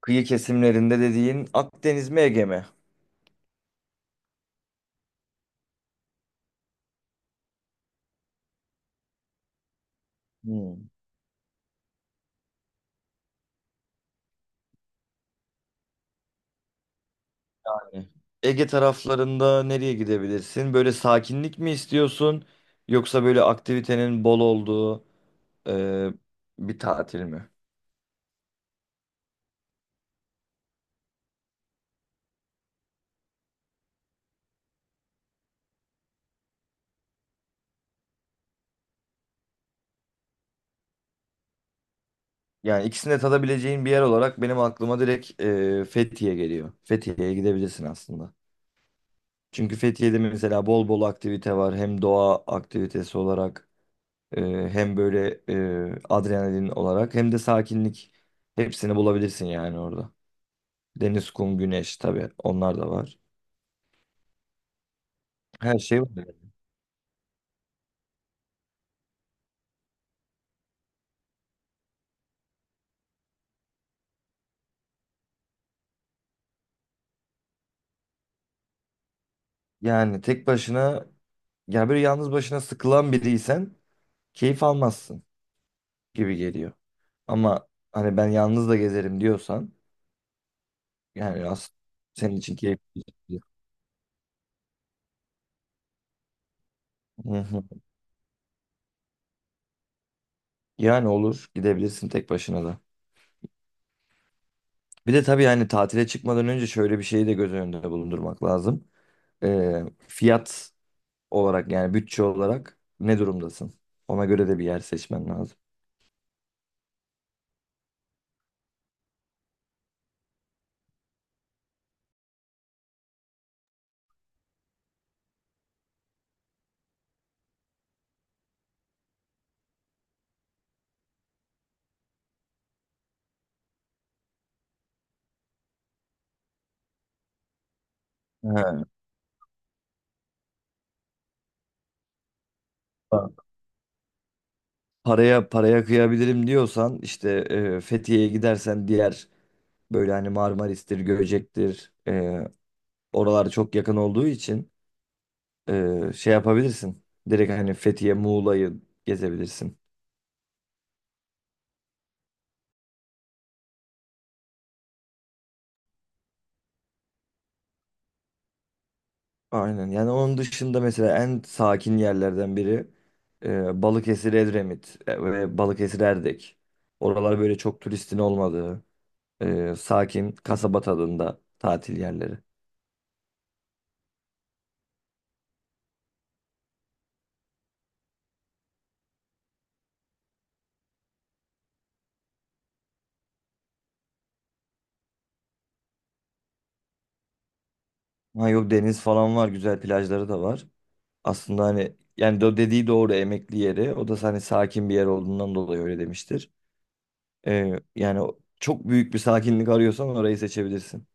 Kıyı kesimlerinde dediğin Akdeniz mi Ege mi? Hmm. Yani Ege taraflarında nereye gidebilirsin? Böyle sakinlik mi istiyorsun? Yoksa böyle aktivitenin bol olduğu e, bir tatil mi? Yani ikisini de tadabileceğin bir yer olarak benim aklıma direkt Fethiye geliyor. Fethiye'ye gidebilirsin aslında. Çünkü Fethiye'de mesela bol bol aktivite var. Hem doğa aktivitesi olarak e, hem böyle adrenalin olarak hem de sakinlik. Hepsini bulabilirsin yani orada. Deniz, kum, güneş tabii onlar da var. Her şey var. Yani tek başına ya böyle yalnız başına sıkılan biriysen keyif almazsın gibi geliyor. Ama hani ben yalnız da gezerim diyorsan yani aslında senin için keyifli. Hı hı. Yani olur gidebilirsin tek başına da. Bir de tabii yani tatile çıkmadan önce şöyle bir şeyi de göz önünde bulundurmak lazım. Ee, Fiyat olarak yani bütçe olarak ne durumdasın? Ona göre de bir yer seçmen lazım. He, paraya paraya kıyabilirim diyorsan işte Fethiye'ye gidersen diğer böyle hani Marmaris'tir, Göcek'tir, oralar çok yakın olduğu için şey yapabilirsin. Direkt hani Fethiye, Muğla'yı gezebilirsin. Aynen, yani onun dışında mesela en sakin yerlerden biri Balıkesir, Edremit ve Balıkesir, Erdek. Oralar böyle çok turistin olmadığı, sakin kasaba tadında tatil yerleri. Ha yok, deniz falan var, güzel plajları da var. Aslında hani yani o dediği doğru, emekli yeri. O da hani sakin bir yer olduğundan dolayı öyle demiştir. Yani çok büyük bir sakinlik arıyorsan orayı seçebilirsin.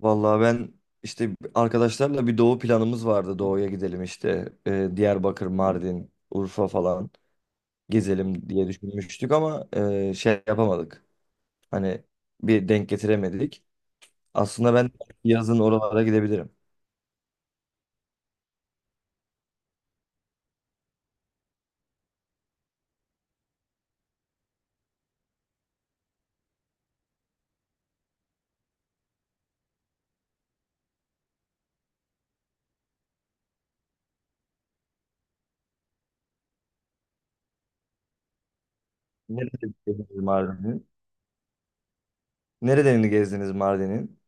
Vallahi ben işte arkadaşlarla bir doğu planımız vardı. Doğuya gidelim işte Diyarbakır, Mardin, Urfa falan gezelim diye düşünmüştük ama şey yapamadık. Hani bir denk getiremedik. Aslında ben yazın oralara gidebilirim. Nereye gidebilirim Mardin'e? Nerelerini gezdiniz Mardin'in?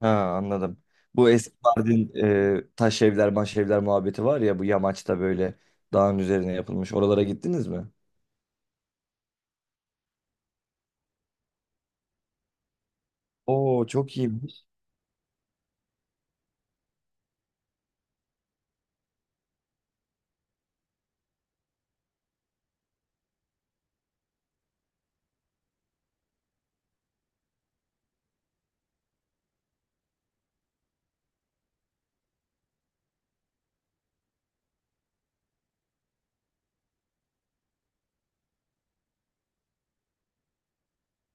Ha anladım. Bu eski Mardin taş evler, maş evler muhabbeti var ya, bu yamaçta böyle dağın üzerine yapılmış. Oralara gittiniz mi? Oo çok iyiymiş.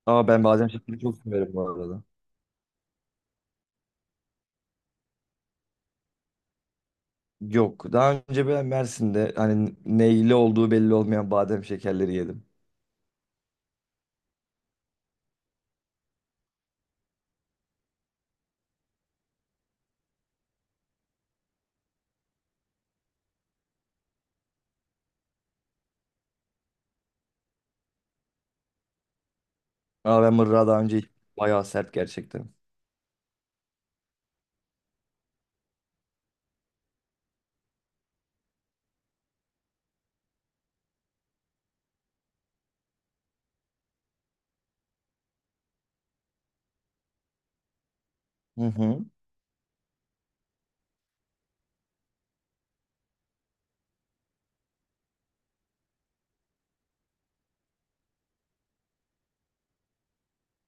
Aa ben Bademşehir'i çok severim bu arada. Yok. Daha önce ben Mersin'de hani neyli olduğu belli olmayan badem şekerleri yedim. Aa ben mırra daha önce bayağı sert gerçekten. Hı hı.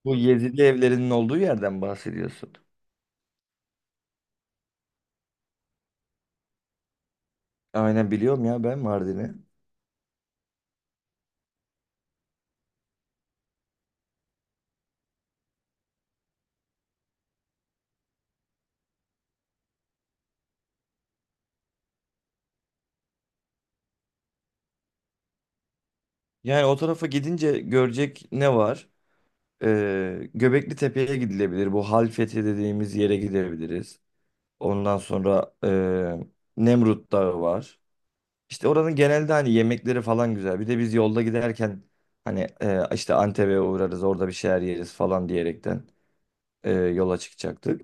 Bu Yezidi evlerinin olduğu yerden bahsediyorsun. Aynen biliyorum ya ben Mardin'i. Yani o tarafa gidince görecek ne var? Göbekli Tepe'ye gidilebilir. Bu Halfeti dediğimiz yere gidebiliriz. Ondan sonra Nemrut Dağı var. İşte oranın genelde hani yemekleri falan güzel. Bir de biz yolda giderken hani işte Antep'e uğrarız orada bir şeyler yeriz falan diyerekten yola çıkacaktık.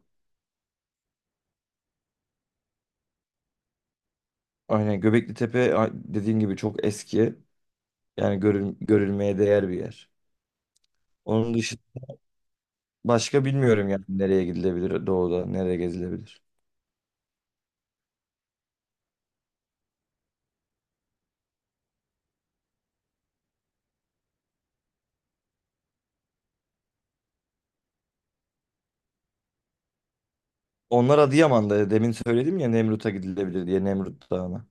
Aynen, Göbekli Tepe, dediğim gibi çok eski. Yani görülmeye değer bir yer. Onun dışı başka bilmiyorum yani nereye gidilebilir doğuda, nereye gezilebilir. Onlar Adıyaman'da. Demin söyledim ya Nemrut'a gidilebilir diye, Nemrut Dağı'na.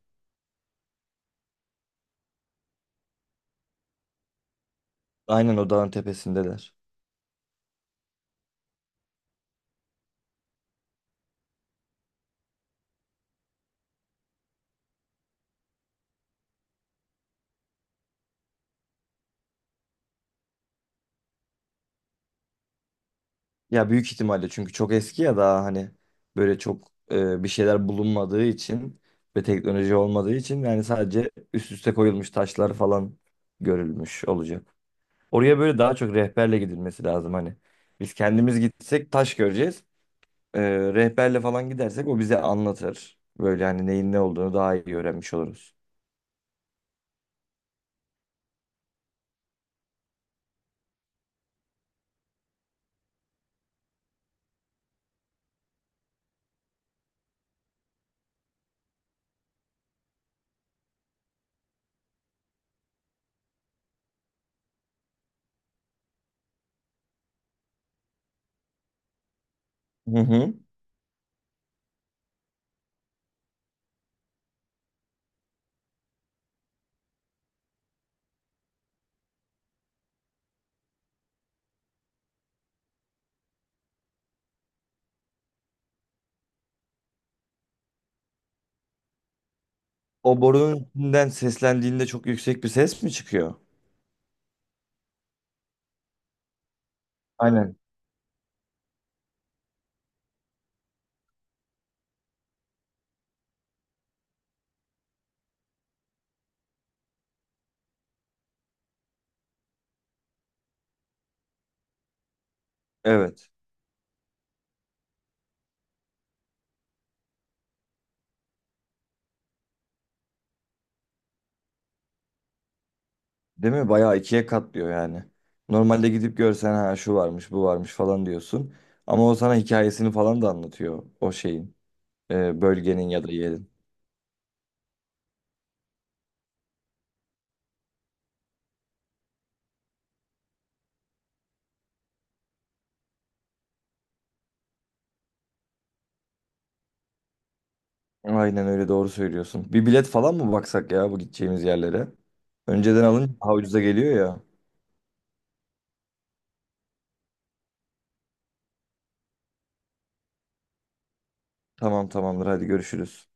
Aynen, o dağın tepesindeler. Ya büyük ihtimalle çünkü çok eski ya, daha hani böyle çok bir şeyler bulunmadığı için ve teknoloji olmadığı için yani sadece üst üste koyulmuş taşlar falan görülmüş olacak. Oraya böyle daha çok rehberle gidilmesi lazım hani. Biz kendimiz gitsek taş göreceğiz. E, Rehberle falan gidersek o bize anlatır. Böyle hani neyin ne olduğunu daha iyi öğrenmiş oluruz. Hı hı. O borunun içinden seslendiğinde çok yüksek bir ses mi çıkıyor? Aynen. Evet. Değil mi? Bayağı ikiye katlıyor yani. Normalde gidip görsen ha şu varmış, bu varmış falan diyorsun. Ama o sana hikayesini falan da anlatıyor o şeyin, bölgenin ya da yerin. Aynen öyle, doğru söylüyorsun. Bir bilet falan mı baksak ya, bu gideceğimiz yerlere? Önceden alınca daha ucuza geliyor ya. Tamam, tamamdır, hadi görüşürüz.